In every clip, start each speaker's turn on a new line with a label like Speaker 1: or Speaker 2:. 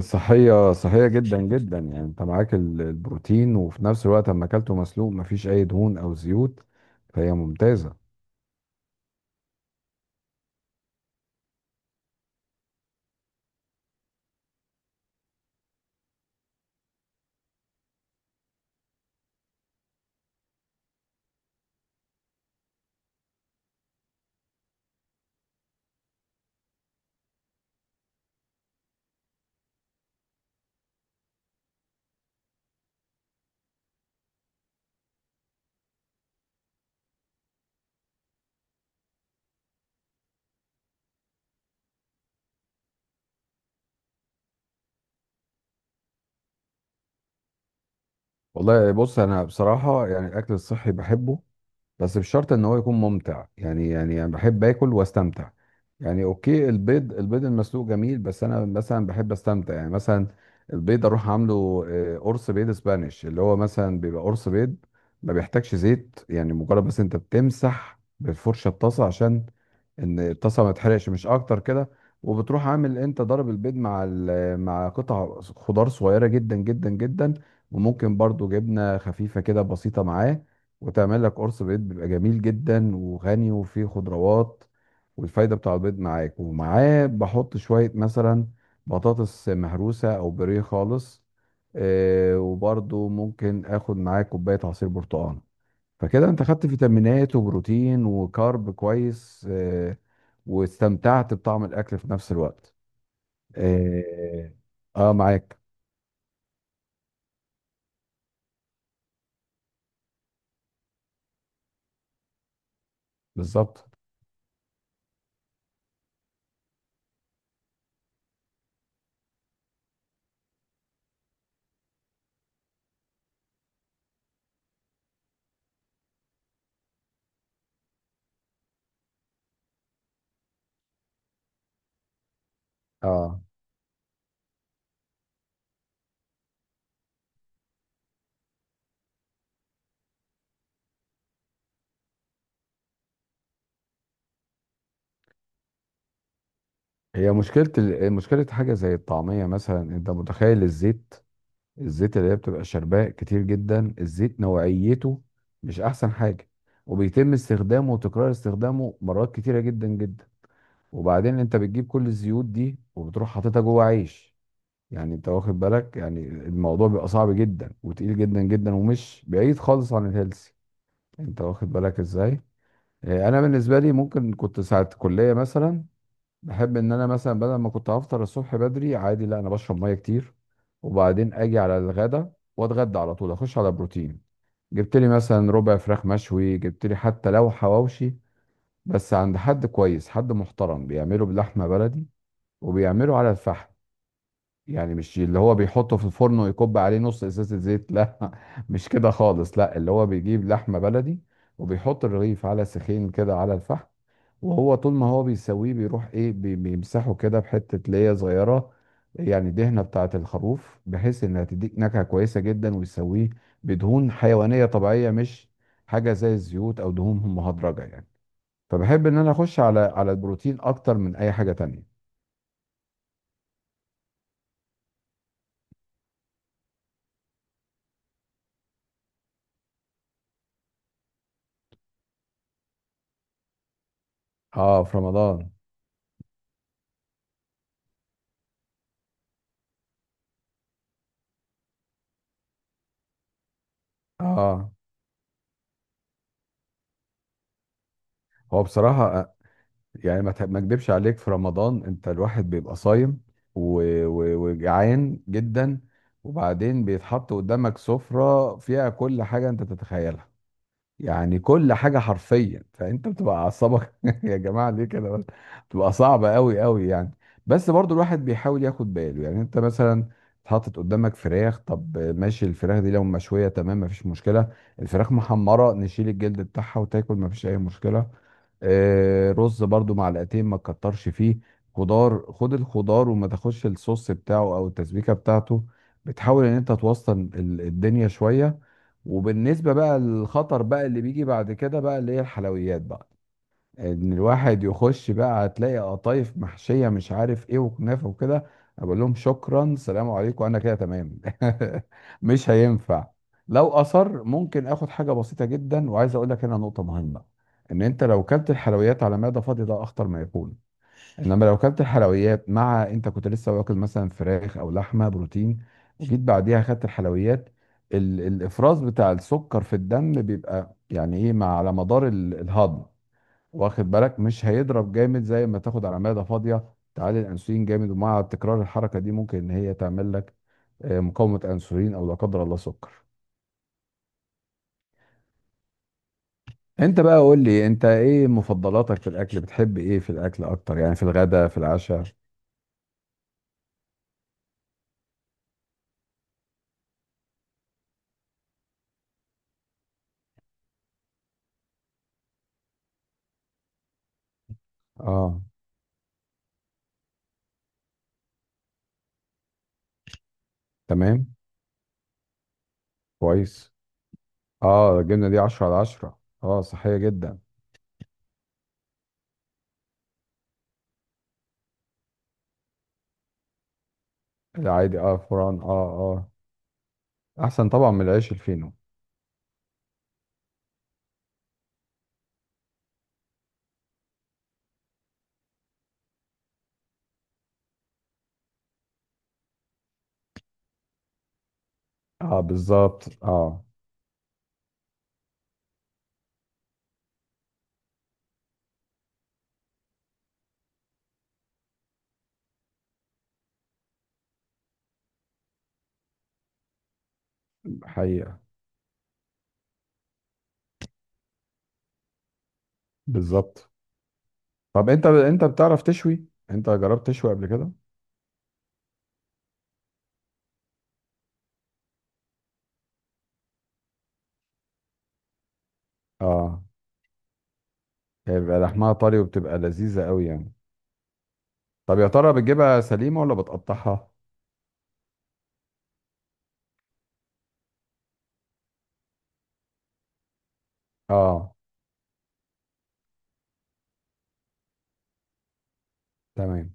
Speaker 1: صحية جدا جدا، يعني انت معاك البروتين، وفي نفس الوقت اما اكلته مسلوق مفيش اي دهون او زيوت، فهي ممتازة. والله بص، انا بصراحة يعني الاكل الصحي بحبه، بس بشرط ان هو يكون ممتع. يعني انا بحب اكل واستمتع. يعني اوكي، البيض المسلوق جميل، بس انا مثلا بحب استمتع يعني، مثلا البيض اروح عامله، قرص بيض اسبانيش اللي هو مثلا بيبقى قرص بيض ما بيحتاجش زيت. يعني مجرد بس انت بتمسح بالفرشه الطاسه عشان ان الطاسه ما تحرقش، مش اكتر كده. وبتروح عامل انت ضرب البيض مع مع قطع خضار صغيره جدا جدا جدا، وممكن برضو جبنه خفيفه كده بسيطه معاه، وتعمل لك قرص بيض بيبقى جميل جدا وغني وفيه خضروات، والفايدة بتاع البيض معاك، ومعاه بحط شوية مثلا بطاطس مهروسة أو بوريه خالص. وبرضو ممكن آخد معاه كوباية عصير برتقال، فكده أنت خدت فيتامينات وبروتين وكارب كويس واستمتعت بطعم الأكل في نفس الوقت. آه, آه، معاك. بالظبط. آه هي مشكلة مشكلة حاجة زي الطعمية، مثلا أنت متخيل الزيت، اللي هي بتبقى شرباء كتير جدا، الزيت نوعيته مش احسن حاجة، وبيتم استخدامه وتكرار استخدامه مرات كتيرة جدا جدا. وبعدين انت بتجيب كل الزيوت دي وبتروح حاططها جوه عيش، يعني انت واخد بالك؟ يعني الموضوع بيبقى صعب جدا وتقيل جدا جدا، ومش بعيد خالص عن الهيلثي. انت واخد بالك ازاي؟ انا بالنسبة لي ممكن كنت ساعة كلية مثلا، بحب ان انا مثلا بدل ما كنت هفطر الصبح بدري عادي، لا، انا بشرب ميه كتير، وبعدين اجي على الغدا واتغدى على طول، اخش على بروتين. جبت لي مثلا ربع فراخ مشوي، جبت لي حتى لو حواوشي، بس عند حد كويس، حد محترم بيعمله بلحمه بلدي، وبيعمله على الفحم. يعني مش اللي هو بيحطه في الفرن ويكب عليه نص ازازه زيت، لا، مش كده خالص. لا، اللي هو بيجيب لحمه بلدي وبيحط الرغيف على سخين كده على الفحم، وهو طول ما هو بيسويه بيروح ايه، بيمسحه كده بحتة ليا صغيرة، يعني دهنة بتاعة الخروف، بحيث انها تديك نكهة كويسة جدا، ويسويه بدهون حيوانية طبيعية، مش حاجة زي الزيوت او دهون مهدرجة يعني. فبحب ان انا اخش على البروتين اكتر من اي حاجة تانية. اه، في رمضان. اه، هو بصراحة يعني ما اكدبش عليك، في رمضان انت الواحد بيبقى صايم، و... وجعان جدا. وبعدين بيتحط قدامك سفرة فيها كل حاجة انت تتخيلها، يعني كل حاجة حرفيا. فانت بتبقى اعصابك يا جماعة، ليه كده بس؟ بتبقى صعبة قوي قوي يعني. بس برضو الواحد بيحاول ياخد باله، يعني انت مثلا اتحطت قدامك فراخ، طب ماشي، الفراخ دي لو مشوية تمام مفيش مشكلة، الفراخ محمرة نشيل الجلد بتاعها وتاكل مفيش اي مشكلة. رز برضو، معلقتين ما تكترش فيه. خضار، خد الخضار وما تاخدش الصوص بتاعه او التسبيكه بتاعته. بتحاول ان انت توسط الدنيا شويه. وبالنسبة بقى للخطر بقى اللي بيجي بعد كده بقى، اللي هي الحلويات بقى، ان الواحد يخش بقى هتلاقي قطايف محشية مش عارف ايه وكنافة وكده، اقول لهم شكرا، سلام عليكم، انا كده تمام. مش هينفع. لو اصر ممكن اخد حاجة بسيطة جدا. وعايز اقول لك هنا نقطة مهمة، ان انت لو كلت الحلويات على معدة فاضية ده اخطر ما يكون، انما لو كلت الحلويات مع انت كنت لسه واكل مثلا فراخ او لحمه بروتين، جيت بعديها خدت الحلويات، الافراز بتاع السكر في الدم بيبقى يعني ايه، مع على مدار الهضم. واخد بالك؟ مش هيضرب جامد زي ما تاخد على معده فاضيه، تعالي الانسولين جامد، ومع تكرار الحركه دي ممكن ان هي تعمل لك مقاومه انسولين، او لا قدر الله سكر. انت بقى قول لي، انت ايه مفضلاتك في الاكل؟ بتحب ايه في الاكل اكتر؟ يعني في الغداء، في العشاء. اه، تمام. كويس. اه، الجبنه دي 10 على 10. اه، صحيه جدا. العادي، اه، فران. اه. اه، احسن طبعا من العيش الفينو. اه، بالظبط. اه. حقيقه. بالظبط. طب انت بتعرف تشوي؟ انت جربت تشوي قبل كده؟ اه، هي بيبقى لحمها طري وبتبقى لذيذه قوي يعني. طب يا ترى بتجيبها سليمه ولا بتقطعها؟ اه، تمام.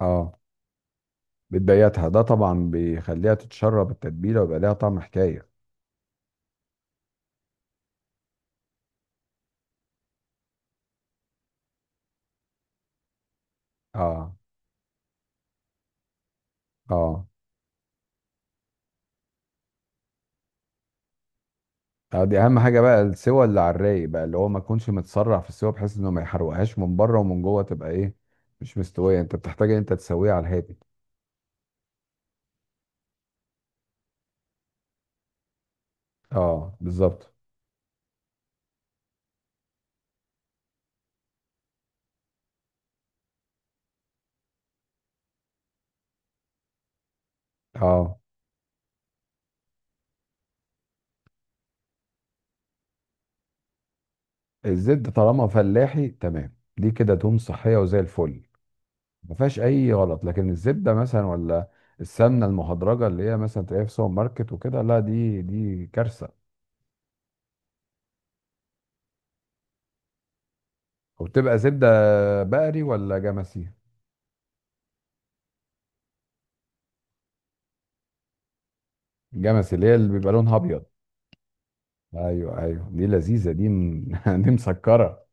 Speaker 1: اه، بتبيتها ده طبعا بيخليها تتشرب التتبيله، ويبقى ليها طعم حكايه. اه، اه، اه، دي اهم حاجه بقى، السوى اللي على الرايق بقى، اللي هو ما تكونش متسرع في السوى، بحيث انه ما يحرقهاش من بره، ومن جوه تبقى ايه، مش مستويه. انت بتحتاج ان انت تسويها على الهادي. اه، بالظبط. اه، الزيت ده طالما فلاحي تمام، دي كده دهون صحيه وزي الفل، ما فيهاش اي غلط. لكن الزبده مثلا، ولا السمنه المهدرجه اللي هي مثلا تلاقيها في سوبر ماركت وكده، لا، دي كارثه. وبتبقى زبده بقري ولا جمسي؟ جمسي اللي هي اللي بيبقى لونها ابيض. ايوه، ايوه، دي لذيذه، دي مسكره.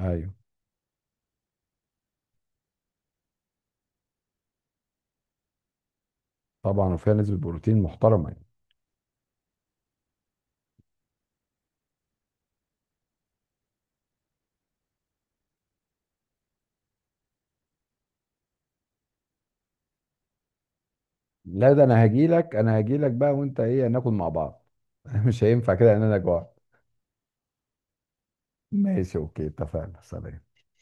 Speaker 1: ايوه، طبعا، وفيها نسبه بروتين محترمه يعني. لا، ده انا هاجي لك بقى، وانت ايه ناكل مع بعض. مش هينفع كده، لان انا جوعت. ماشي، اوكي، اتفقنا، سلام.